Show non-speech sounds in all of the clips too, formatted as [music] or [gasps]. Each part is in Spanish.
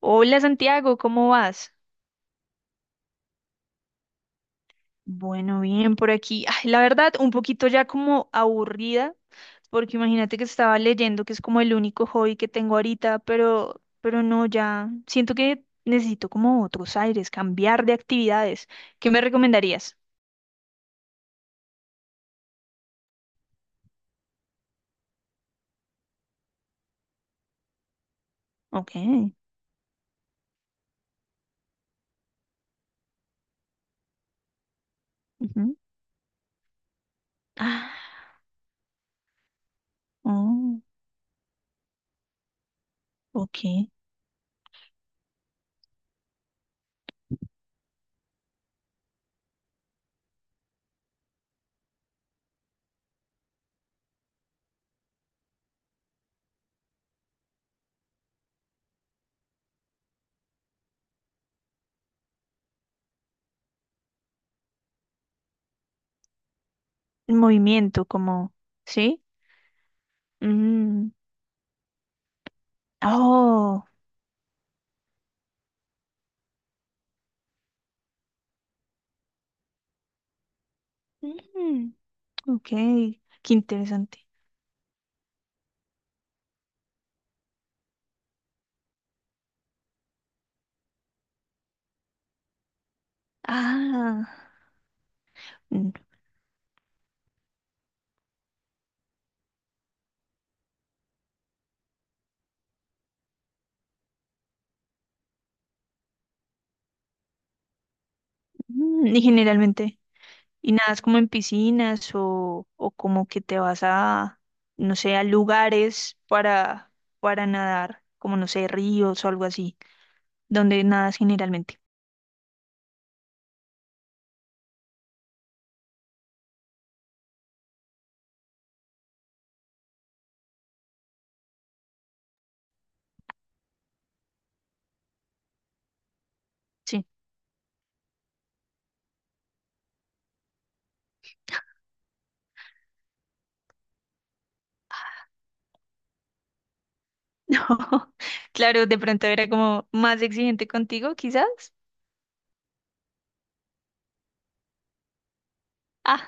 Hola Santiago, ¿cómo vas? Bueno, bien por aquí. Ay, la verdad, un poquito ya como aburrida, porque imagínate que estaba leyendo, que es como el único hobby que tengo ahorita, pero no, ya siento que necesito como otros aires, cambiar de actividades. ¿Qué me recomendarías? Ok. Ujú. Ah, oh, ok. Movimiento, como. ¿Sí? Mm, oh, mm, ok. Qué interesante. Ah. Y generalmente, y nada es como en piscinas o como que te vas a, no sé, a lugares para nadar, como no sé, ríos o algo así, donde nadas generalmente. Sí. [laughs] No, claro, de pronto era como más exigente contigo, quizás. Ah,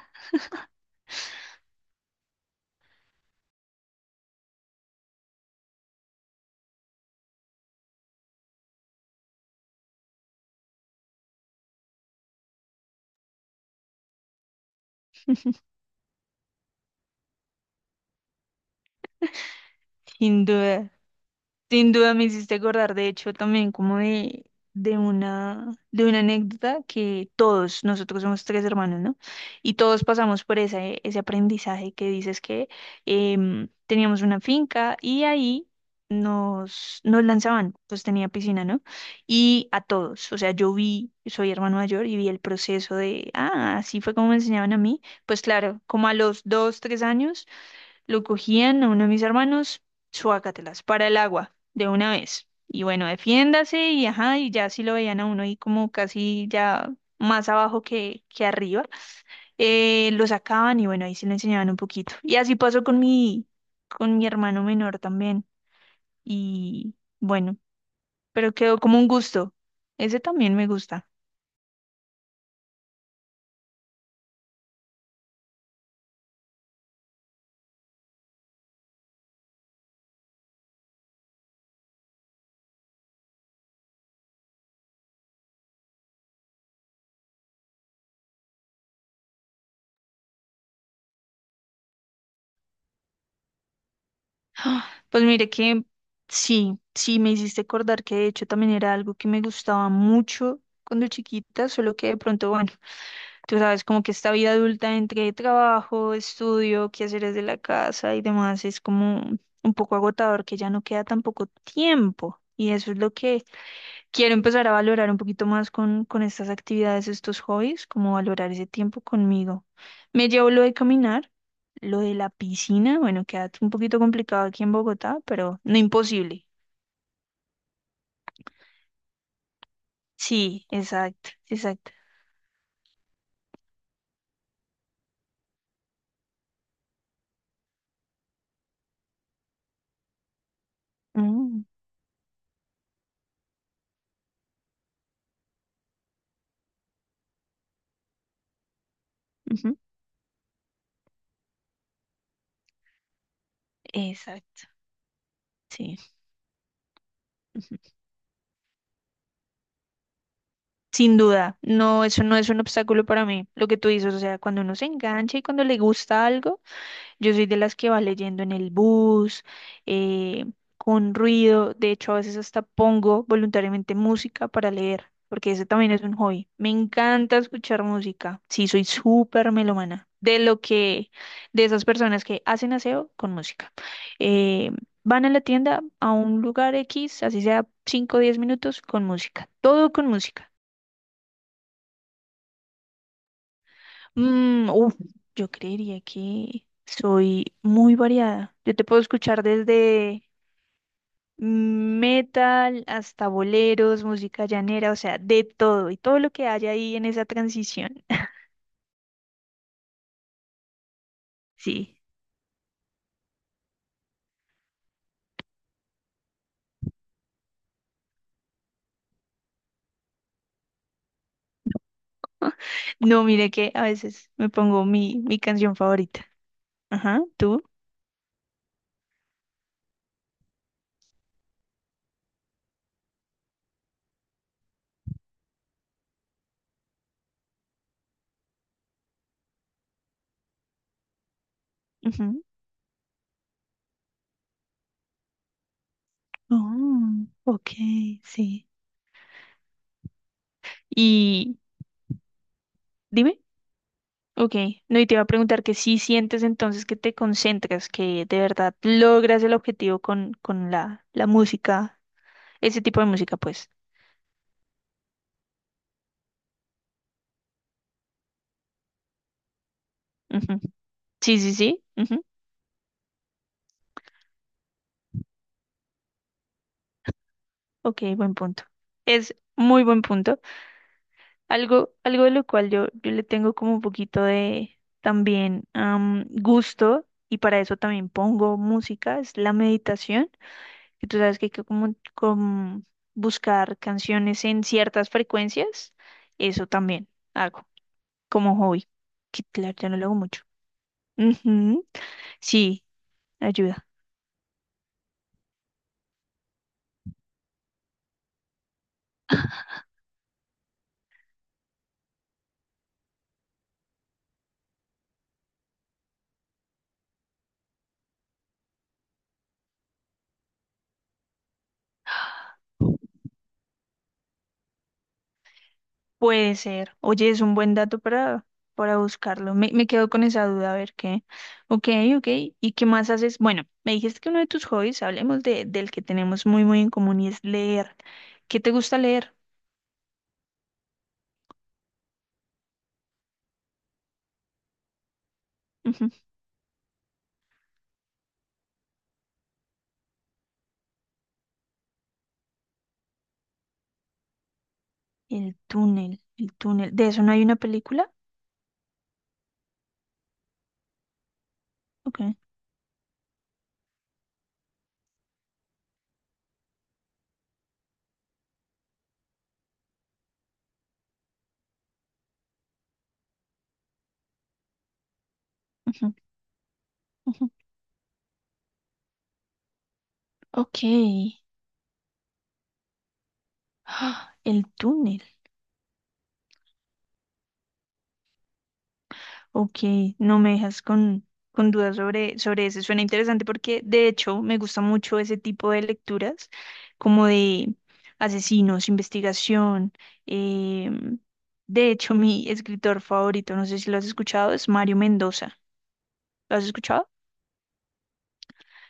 sin duda. Sin duda me hiciste acordar, de hecho, también como de una anécdota que todos, nosotros somos tres hermanos, ¿no? Y todos pasamos por ese aprendizaje que dices que teníamos una finca y ahí nos lanzaban, pues tenía piscina, ¿no? Y a todos, o sea, yo vi, soy hermano mayor y vi el proceso de, así fue como me enseñaban a mí, pues claro, como a los dos, tres años. Lo cogían a uno de mis hermanos, suácatelas, para el agua, de una vez. Y bueno, defiéndase y ajá, y ya si lo veían a uno ahí como casi ya más abajo que arriba, lo sacaban y bueno, ahí sí le enseñaban un poquito. Y así pasó con mi hermano menor también. Y bueno, pero quedó como un gusto. Ese también me gusta. Pues mire que sí, sí me hiciste acordar que de hecho también era algo que me gustaba mucho cuando chiquita, solo que de pronto, bueno. Tú sabes, como que esta vida adulta entre trabajo, estudio, quehaceres de la casa y demás es como un poco agotador, que ya no queda tan poco tiempo. Y eso es lo que quiero empezar a valorar un poquito más con estas actividades, estos hobbies, como valorar ese tiempo conmigo. Me llevo lo de caminar, lo de la piscina, bueno, queda un poquito complicado aquí en Bogotá, pero no imposible. Sí, exacto, exacto. Mm, ujú, exacto, sí. Sin duda, no, eso no es un obstáculo para mí, lo que tú dices, o sea, cuando uno se engancha y cuando le gusta algo, yo soy de las que va leyendo en el bus, eh, con ruido, de hecho a veces hasta pongo voluntariamente música para leer, porque ese también es un hobby. Me encanta escuchar música, sí, soy súper melomana, de esas personas que hacen aseo con música. Eh, Van a la tienda, a un lugar X, así sea 5, o 10 minutos, con música. Todo con música. Uf, yo creería que soy muy variada. Yo te puedo escuchar desde metal hasta boleros, música llanera, o sea, de todo y todo lo que haya ahí en esa transición. [laughs] Sí. No, mire que a veces me pongo mi canción favorita. Ajá, ¿tú? Ujú. Oh, ok, sí. Y dime. Ok, no, y te iba a preguntar que si sientes entonces que te concentras, que de verdad logras el objetivo con la música, ese tipo de música, pues. Ujú. Sí, sí, sí. Ujú. Ok, buen punto. Es muy buen punto. Algo de lo cual yo le tengo como un poquito de también gusto, y para eso también pongo música, es la meditación, que tú sabes que hay que como buscar canciones en ciertas frecuencias, eso también hago. Como hobby, que claro, ya no lo hago mucho. Ujú, sí, ayuda. [laughs] Puede ser. Oye, es un buen dato para, buscarlo. Me quedo con esa duda, a ver qué. Ok, ok. ¿Y qué más haces? Bueno, me dijiste que uno de tus hobbies, hablemos del que tenemos muy, muy en común y es leer. ¿Qué te gusta leer? Ujú. El túnel, el túnel. ¿De eso no hay una película? Ok. Ujú, ujú. Ok. [gasps] Ah, El túnel. Ok, no me dejas con dudas sobre eso. Suena interesante porque de hecho me gusta mucho ese tipo de lecturas, como de asesinos, investigación. em, de hecho, [laughs] mi escritor favorito, no sé si lo has escuchado, es Mario Mendoza. ¿Lo has escuchado?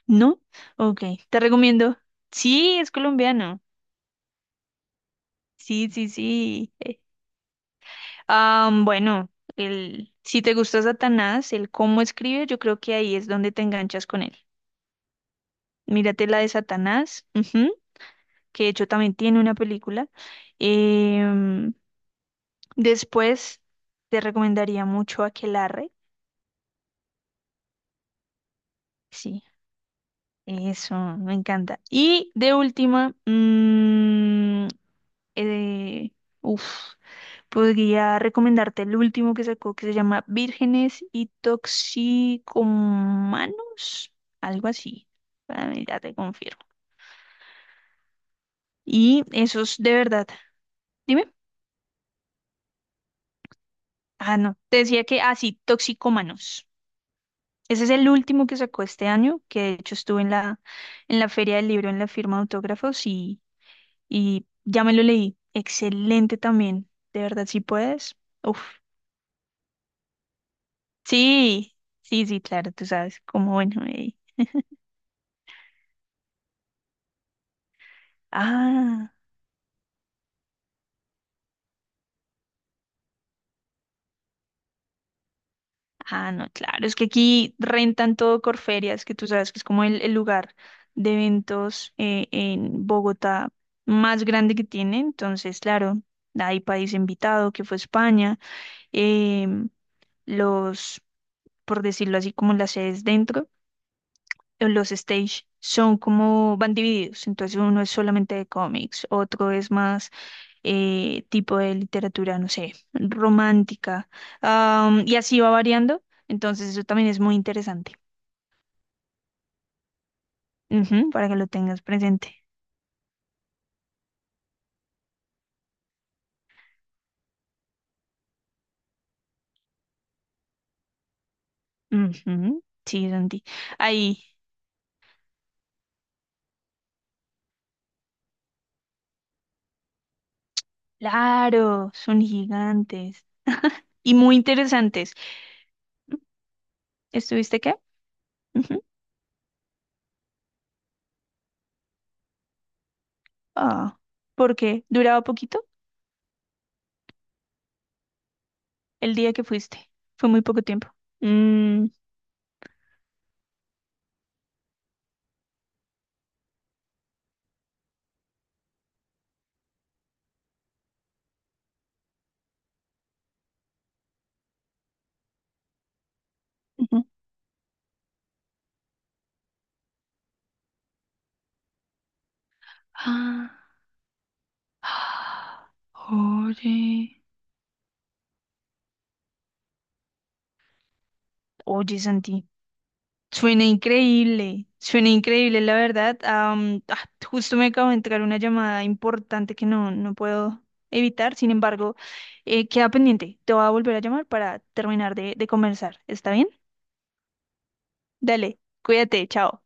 ¿No? Ok, te recomiendo. Sí, es colombiano. Sí, sí, sí. Bueno, si te gusta Satanás, el cómo escribe, yo creo que ahí es donde te enganchas con él. Mírate la de Satanás, ujú, que de hecho también tiene una película. Em, Después te recomendaría mucho Aquelarre. Sí, eso, me encanta. Y de última, mm, eh, uf, podría recomendarte el último que sacó que se llama Vírgenes y Toxicomanos, algo así. Para mí, ya te confirmo. Y esos de verdad. Dime. Ah, no. Te decía que así, Toxicómanos. Ese es el último que sacó este año, que de hecho estuve en la, Feria del Libro, en la firma de autógrafos y ya me lo leí. Excelente también. De verdad, si puedes. Uf. Sí, sí, sí, claro, tú sabes cómo bueno. Ah. Ah, no, claro, es que aquí rentan todo Corferias, que tú sabes que es como el lugar de eventos en Bogotá más grande que tiene. Entonces, claro, hay país invitado, que fue España, em, los, por decirlo así, como las sedes dentro, los stage son como, van divididos. Entonces, uno es solamente de cómics, otro es más tipo de literatura, no sé, romántica, y así va variando. Entonces, eso también es muy interesante. Ujú, para que lo tengas presente. Ujú, sí, Santi. Ahí, claro, son gigantes [laughs] y muy interesantes. ¿Estuviste qué? Ujú. Ah, porque duraba poquito el día que fuiste. Fue muy poco tiempo. Mm, ujú. [gasps] Ah, ah, oye. Oye, Santi. Suena increíble, la verdad. Justo me acabo de entrar una llamada importante que no, no puedo evitar, sin embargo, queda pendiente. Te voy a volver a llamar para terminar de conversar. ¿Está bien? Dale, cuídate, chao.